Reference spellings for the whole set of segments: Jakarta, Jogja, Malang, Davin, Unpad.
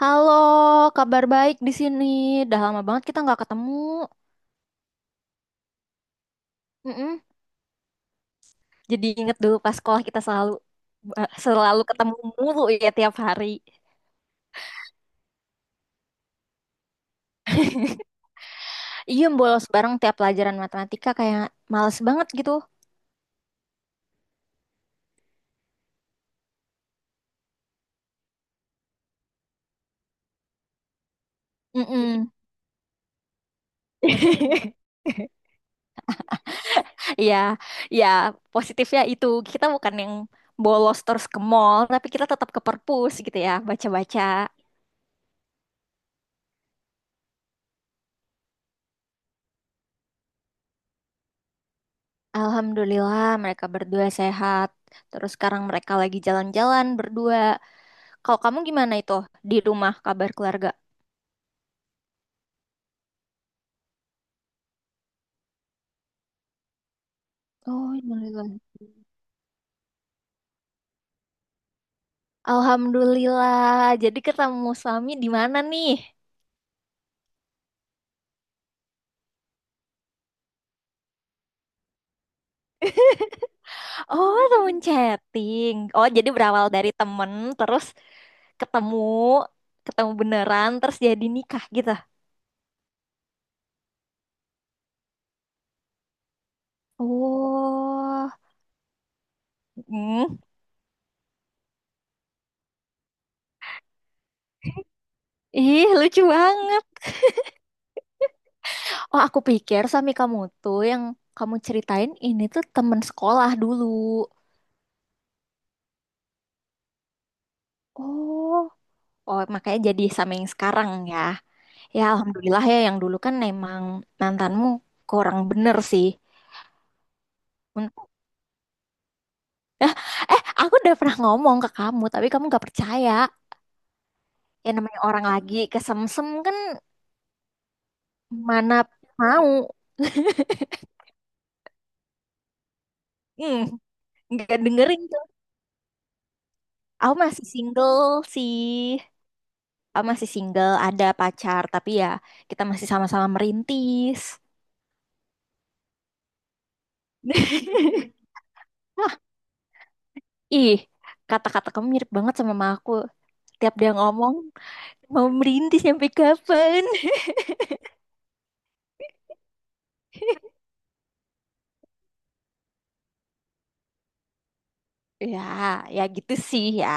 Halo, kabar baik di sini. Udah lama banget kita nggak ketemu. Mm-mm. Jadi inget dulu pas sekolah kita selalu selalu ketemu mulu ya tiap hari. Iya, bolos bareng tiap pelajaran matematika kayak males banget gitu. Mm-mm. Iya, ya positifnya itu kita bukan yang bolos terus ke mall, tapi kita tetap ke perpus gitu ya, baca-baca. Alhamdulillah mereka berdua sehat. Terus sekarang mereka lagi jalan-jalan berdua. Kalau kamu gimana itu di rumah kabar keluarga? Oh, alhamdulillah. Alhamdulillah. Jadi ketemu suami di mana nih? Oh, temen chatting. Oh, jadi berawal dari temen, terus ketemu, ketemu beneran, terus jadi nikah gitu. Oh, hmm. Ih, lucu banget. Oh, aku pikir suami kamu tuh yang kamu ceritain ini tuh temen sekolah dulu. Oh, oh, makanya jadi sama yang sekarang ya. Ya, alhamdulillah ya yang dulu kan emang mantanmu kurang bener sih. Untuk eh, aku udah pernah ngomong ke kamu, tapi kamu gak percaya. Ya namanya orang lagi kesemsem kan mana mau. Hmm, nggak dengerin tuh. Aku masih single sih. Aku masih single, ada pacar, tapi ya kita masih sama-sama merintis. Wah, ih, kata-kata kamu mirip banget sama mama aku. Tiap dia ngomong, mau merintis sampai kapan? Ya, ya gitu sih ya.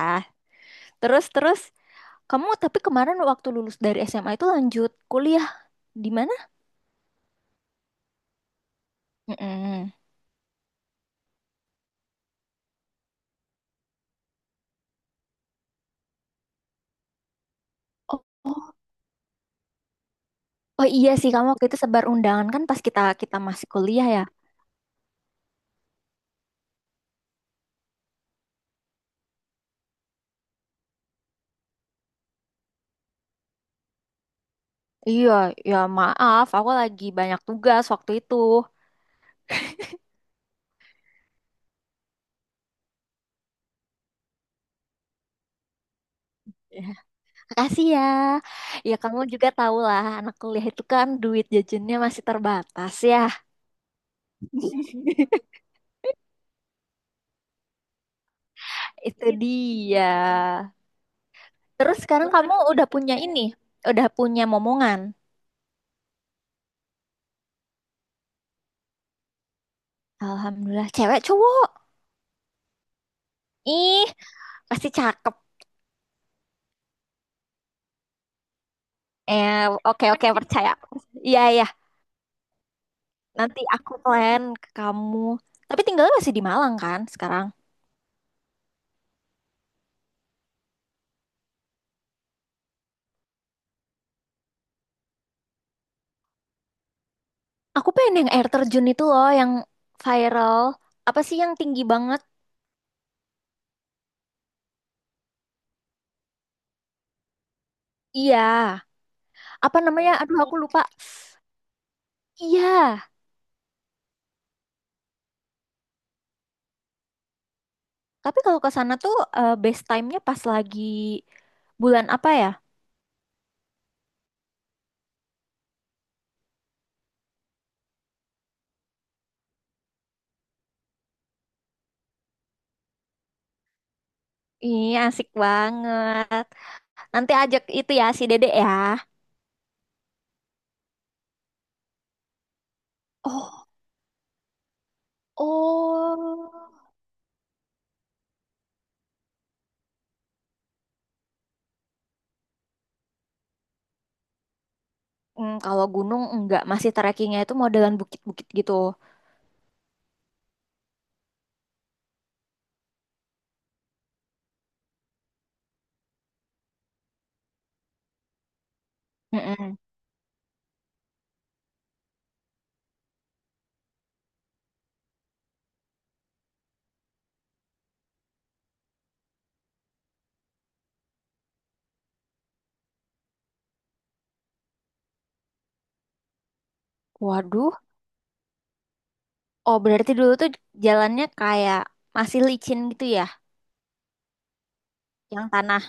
Terus terus kamu tapi kemarin waktu lulus dari SMA itu lanjut kuliah di mana? Mm-mm. Oh, oh, oh iya sih kamu waktu itu sebar undangan kan pas kita kita masih kuliah ya. Iya, ya maaf, aku lagi banyak tugas waktu itu. Ya, makasih ya. Ya kamu juga tahu lah, anak kuliah itu kan duit jajannya masih terbatas ya. Itu dia. Terus sekarang kamu udah punya ini, udah punya momongan. Alhamdulillah, cewek cowok. Ih, pasti cakep. Eh, oke oke percaya. Iya iya, nanti aku plan ke kamu. Tapi tinggalnya masih di Malang kan sekarang? Aku pengen yang air terjun itu loh, yang viral. Apa sih yang tinggi banget? Iya. Apa namanya? Aduh, aku lupa. Iya. Tapi kalau ke sana tuh best time-nya pas lagi bulan apa ya? Iya asik banget. Nanti ajak itu ya si Dede ya. Oh, oh. Kalau gunung enggak, masih trekkingnya itu modelan bukit-bukit gitu. Mm-mm. Waduh, oh berarti dulu tuh jalannya kayak masih licin gitu ya, yang tanah.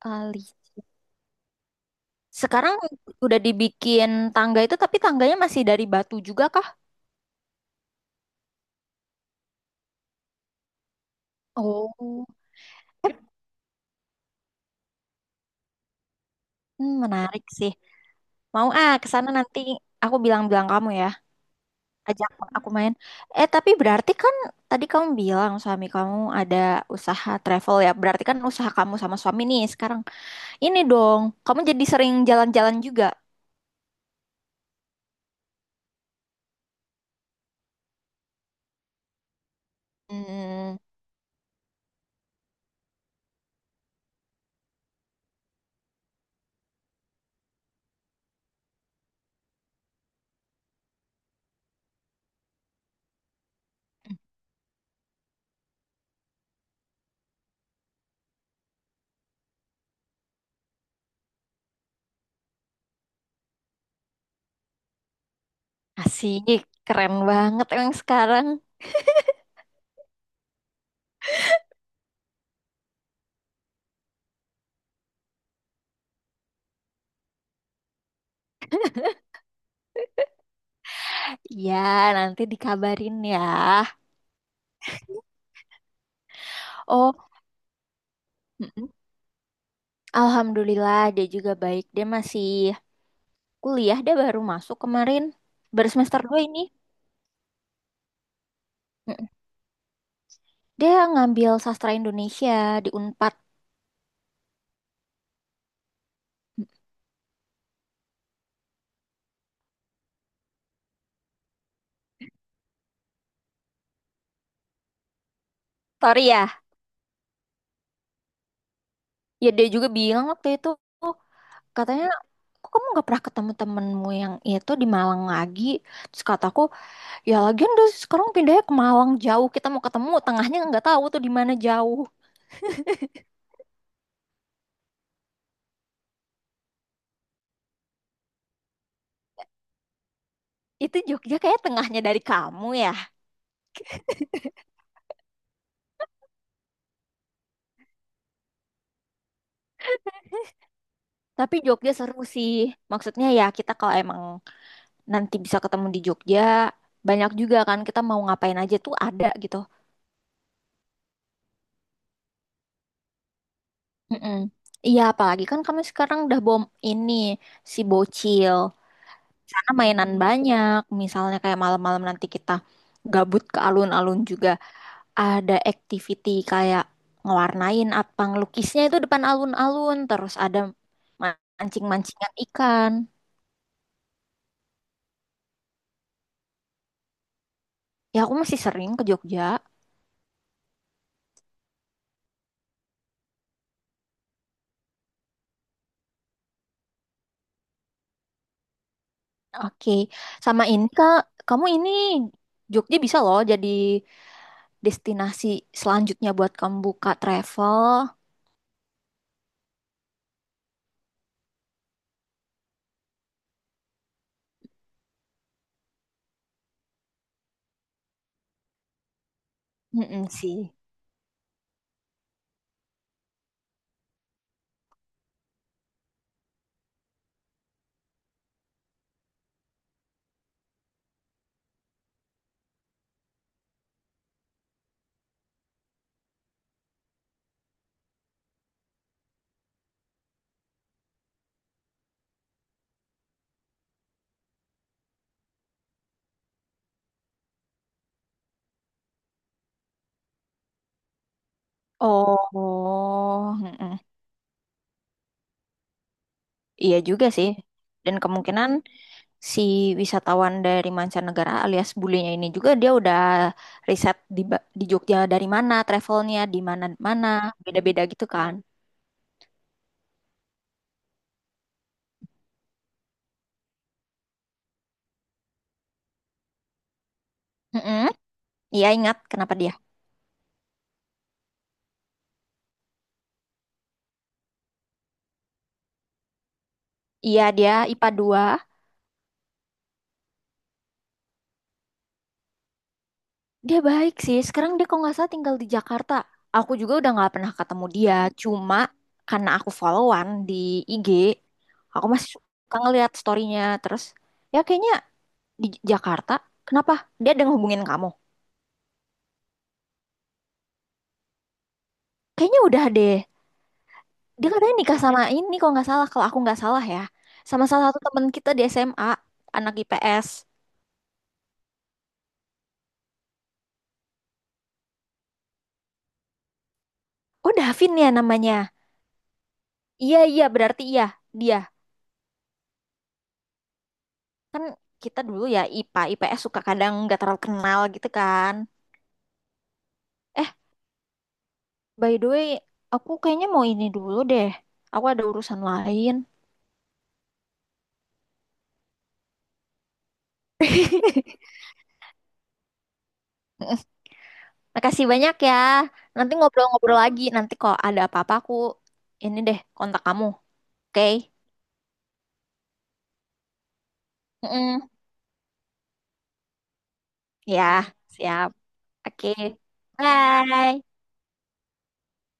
Ah, licin. Sekarang udah dibikin tangga itu, tapi tangganya masih dari batu juga kah? Oh, menarik sih. Mau ah ke sana nanti aku bilang-bilang kamu ya, ajak aku main. Eh, tapi berarti kan tadi kamu bilang suami kamu ada usaha travel ya. Berarti kan usaha kamu sama suami nih sekarang. Ini dong, kamu jadi sering jalan-jalan juga. Hmm, asik, keren banget emang sekarang. Ya, nanti dikabarin ya. Oh, mm-mm. Alhamdulillah dia juga baik. Dia masih kuliah, dia baru masuk kemarin. Baru semester 2 ini. Mm-mm. Dia ngambil sastra Indonesia di Unpad. Sorry ya, ya dia juga bilang waktu itu, "Oh, katanya, kok kamu nggak pernah ketemu temenmu yang itu di Malang lagi? Terus kataku, ya lagian udah sekarang pindahnya ke Malang jauh. Kita mau ketemu tengahnya nggak tahu tuh di mana jauh." Itu Jogja kayak tengahnya dari kamu ya. Tapi Jogja seru sih. Maksudnya ya kita kalau emang nanti bisa ketemu di Jogja, banyak juga kan kita mau ngapain aja tuh ada gitu. Mm-mm. Iya apalagi kan kamu sekarang udah bom ini si bocil. Sana mainan banyak. Misalnya kayak malam-malam nanti kita gabut ke alun-alun juga. Ada activity kayak ngewarnain apa ngelukisnya itu depan alun-alun, terus ada mancing-mancingan ikan. Ya aku masih sering ke Jogja. Oke, sama ini kak, kamu ini Jogja bisa loh jadi destinasi selanjutnya buat kamu buka travel. Mm-mm sih. Oh, mm-mm. Iya juga sih, dan kemungkinan si wisatawan dari mancanegara alias bulenya ini juga dia udah riset di di Jogja dari mana travelnya di mana mana beda-beda gitu kan. Mm-mm. Iya, ingat. Kenapa dia? Iya, dia IPA dua. Dia baik sih sekarang, dia kok nggak salah tinggal di Jakarta. Aku juga udah nggak pernah ketemu dia, cuma karena aku followan di IG aku masih suka ngeliat storynya. Terus ya kayaknya di Jakarta. Kenapa, dia ada ngehubungin kamu? Kayaknya udah deh. Dia katanya nikah sama ini kalau nggak salah, kalau aku nggak salah ya. Sama salah satu teman kita di SMA, anak IPS. Oh, Davin ya namanya. Iya, iya, berarti iya, dia. Kan kita dulu ya IPA, IPS suka kadang nggak terlalu kenal gitu kan. Eh, by the way, aku kayaknya mau ini dulu deh. Aku ada urusan lain. Makasih banyak ya. Nanti ngobrol-ngobrol lagi. Nanti kalau ada apa-apa aku ini deh kontak kamu. Oke? Mm-mm. Ya, siap. Oke, bye.